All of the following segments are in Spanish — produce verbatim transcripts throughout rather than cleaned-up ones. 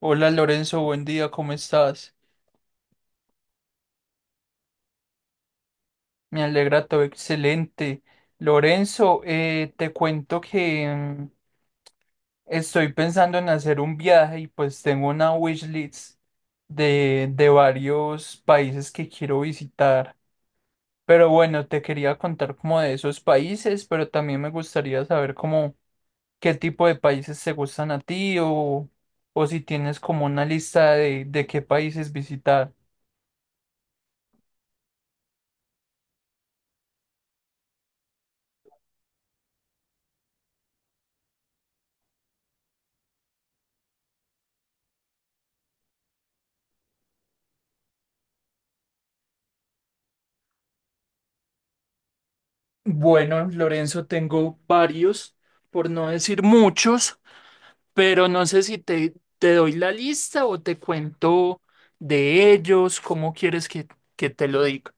Hola Lorenzo, buen día, ¿cómo estás? Me alegra todo, excelente. Lorenzo, eh, te cuento que mm, estoy pensando en hacer un viaje y pues tengo una wishlist de, de varios países que quiero visitar. Pero bueno, te quería contar como de esos países, pero también me gustaría saber cómo qué tipo de países te gustan a ti o, o si tienes como una lista de, de qué países visitar. Bueno, Lorenzo, tengo varios, por no decir muchos, pero no sé si te, te doy la lista o te cuento de ellos, cómo quieres que, que te lo diga.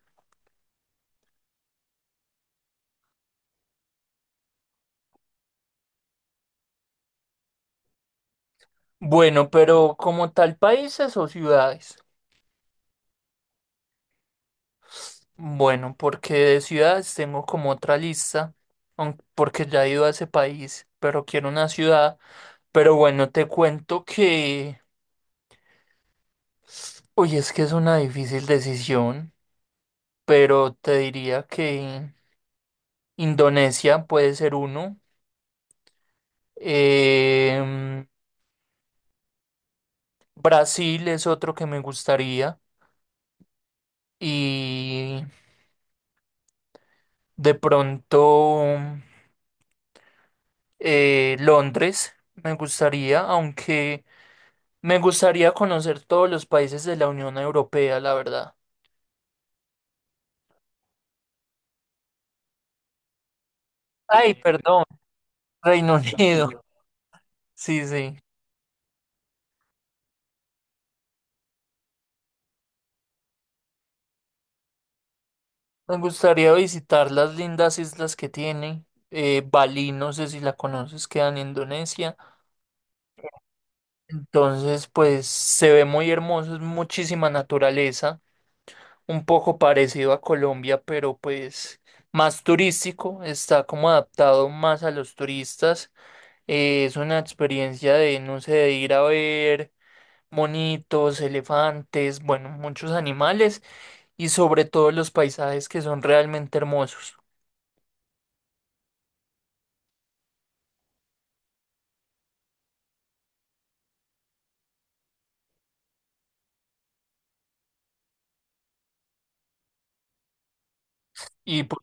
Bueno, pero como tal, ¿países o ciudades? Bueno, porque de ciudades tengo como otra lista, aun- porque ya he ido a ese país, pero quiero una ciudad. Pero bueno, te cuento que, oye, es que es una difícil decisión, pero te diría que Indonesia puede ser uno. Em, Brasil es otro que me gustaría. Y de pronto eh, Londres me gustaría, aunque me gustaría conocer todos los países de la Unión Europea, la verdad. Ay, perdón, Reino Unido. Sí, sí. Me gustaría visitar las lindas islas que tiene. Eh, Bali, no sé si la conoces, queda en Indonesia. Entonces, pues se ve muy hermoso, es muchísima naturaleza, un poco parecido a Colombia, pero pues más turístico, está como adaptado más a los turistas. Eh, es una experiencia de, no sé, de ir a ver monitos, elefantes, bueno, muchos animales, y sobre todo los paisajes que son realmente hermosos. Y pues,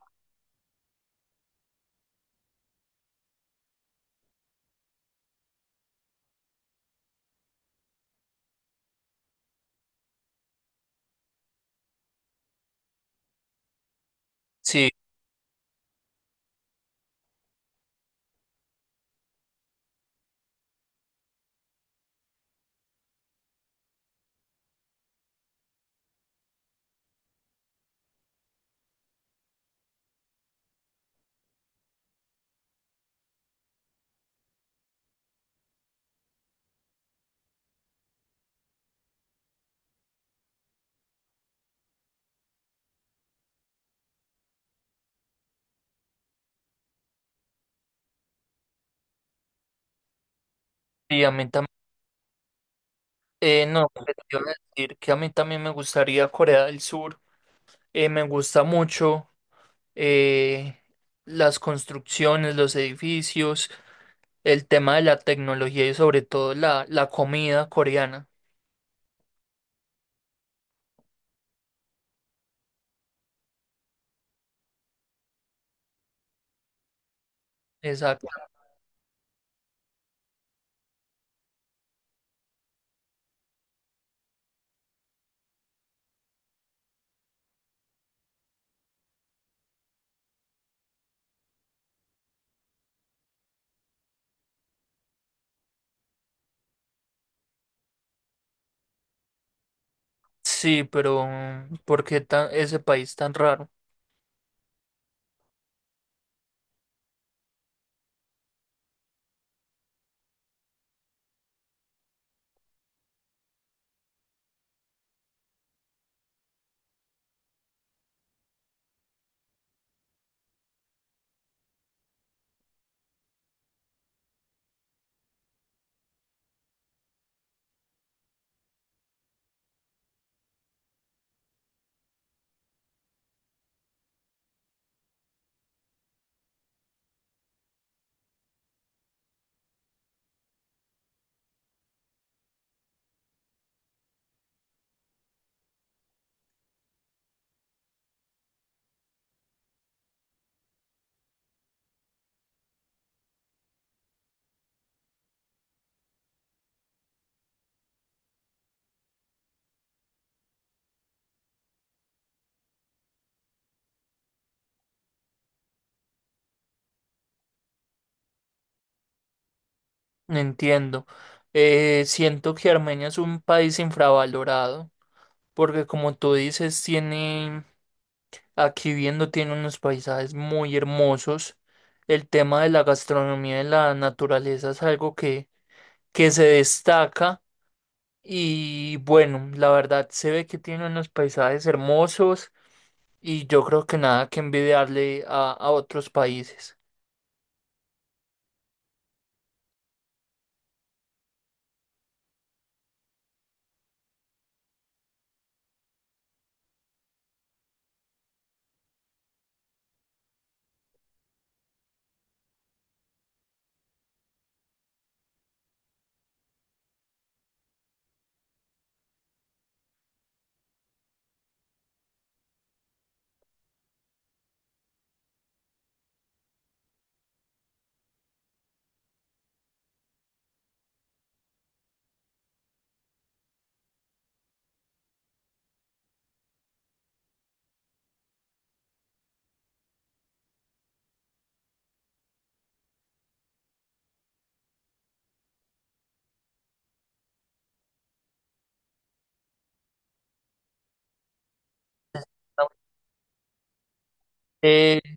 sí, y a mí también, no, pues, te iba a decir que a mí también me gustaría Corea del Sur. Eh, me gusta mucho, eh, las construcciones, los edificios, el tema de la tecnología y sobre todo la, la comida coreana. Exacto. Sí, pero mm, ¿por qué ta- ese país tan raro? No entiendo. Eh, siento que Armenia es un país infravalorado, porque como tú dices, tiene, aquí viendo, tiene unos paisajes muy hermosos. El tema de la gastronomía y la naturaleza es algo que, que se destaca. Y bueno, la verdad se ve que tiene unos paisajes hermosos, y yo creo que nada que envidiarle a, a otros países. Eh,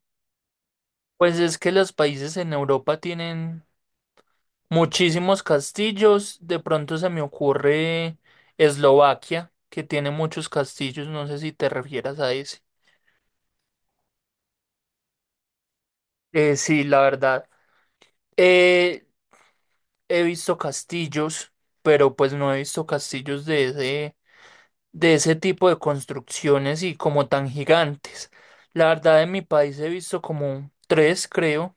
pues es que los países en Europa tienen muchísimos castillos. De pronto se me ocurre Eslovaquia, que tiene muchos castillos. No sé si te refieras a ese. Eh, sí, la verdad. Eh, he visto castillos, pero pues no he visto castillos de ese, de ese tipo de construcciones y como tan gigantes. La verdad, en mi país he visto como tres, creo.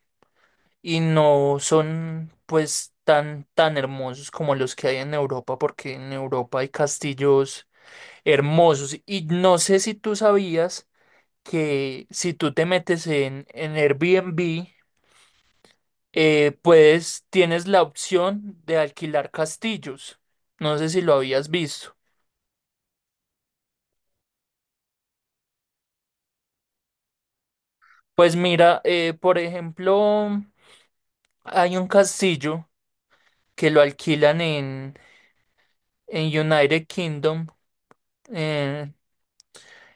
Y no son pues tan tan hermosos como los que hay en Europa, porque en Europa hay castillos hermosos, y no sé si tú sabías que si tú te metes en, en Airbnb, eh, puedes, tienes la opción de alquilar castillos. No sé si lo habías visto. Pues mira, eh, por ejemplo, hay un castillo que lo alquilan en, en United Kingdom, eh,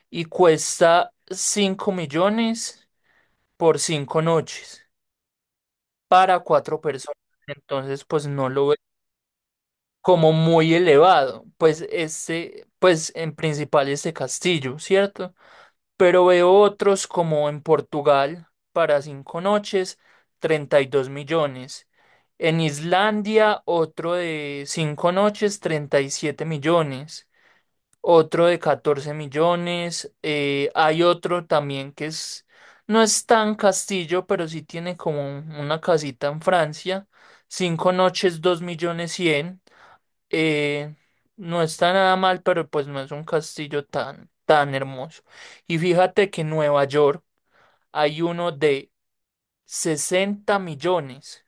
y cuesta cinco millones por cinco noches para cuatro personas. Entonces, pues no lo veo como muy elevado. Pues este, pues en principal este castillo, ¿cierto? Pero veo otros como en Portugal para cinco noches, treinta y dos millones. En Islandia, otro de cinco noches, treinta y siete millones. Otro de catorce millones. eh, hay otro también que es, no es tan castillo, pero sí tiene como un- una casita en Francia. Cinco noches, dos millones cien, eh, no está nada mal, pero pues no es un castillo tan, tan hermoso. Y fíjate que en Nueva York hay uno de sesenta millones.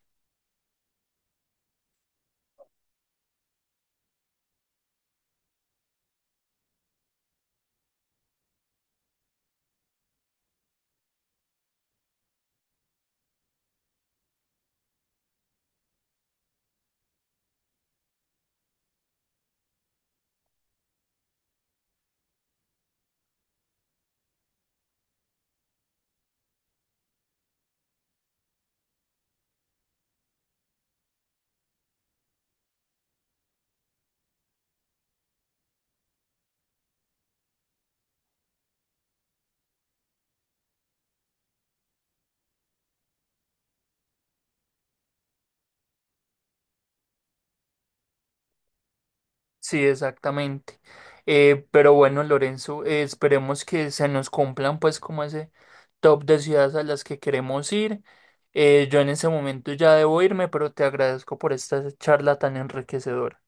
Sí, exactamente. Eh, pero bueno, Lorenzo, eh, esperemos que se nos cumplan pues como ese top de ciudades a las que queremos ir. Eh, yo en ese momento ya debo irme, pero te agradezco por esta charla tan enriquecedora.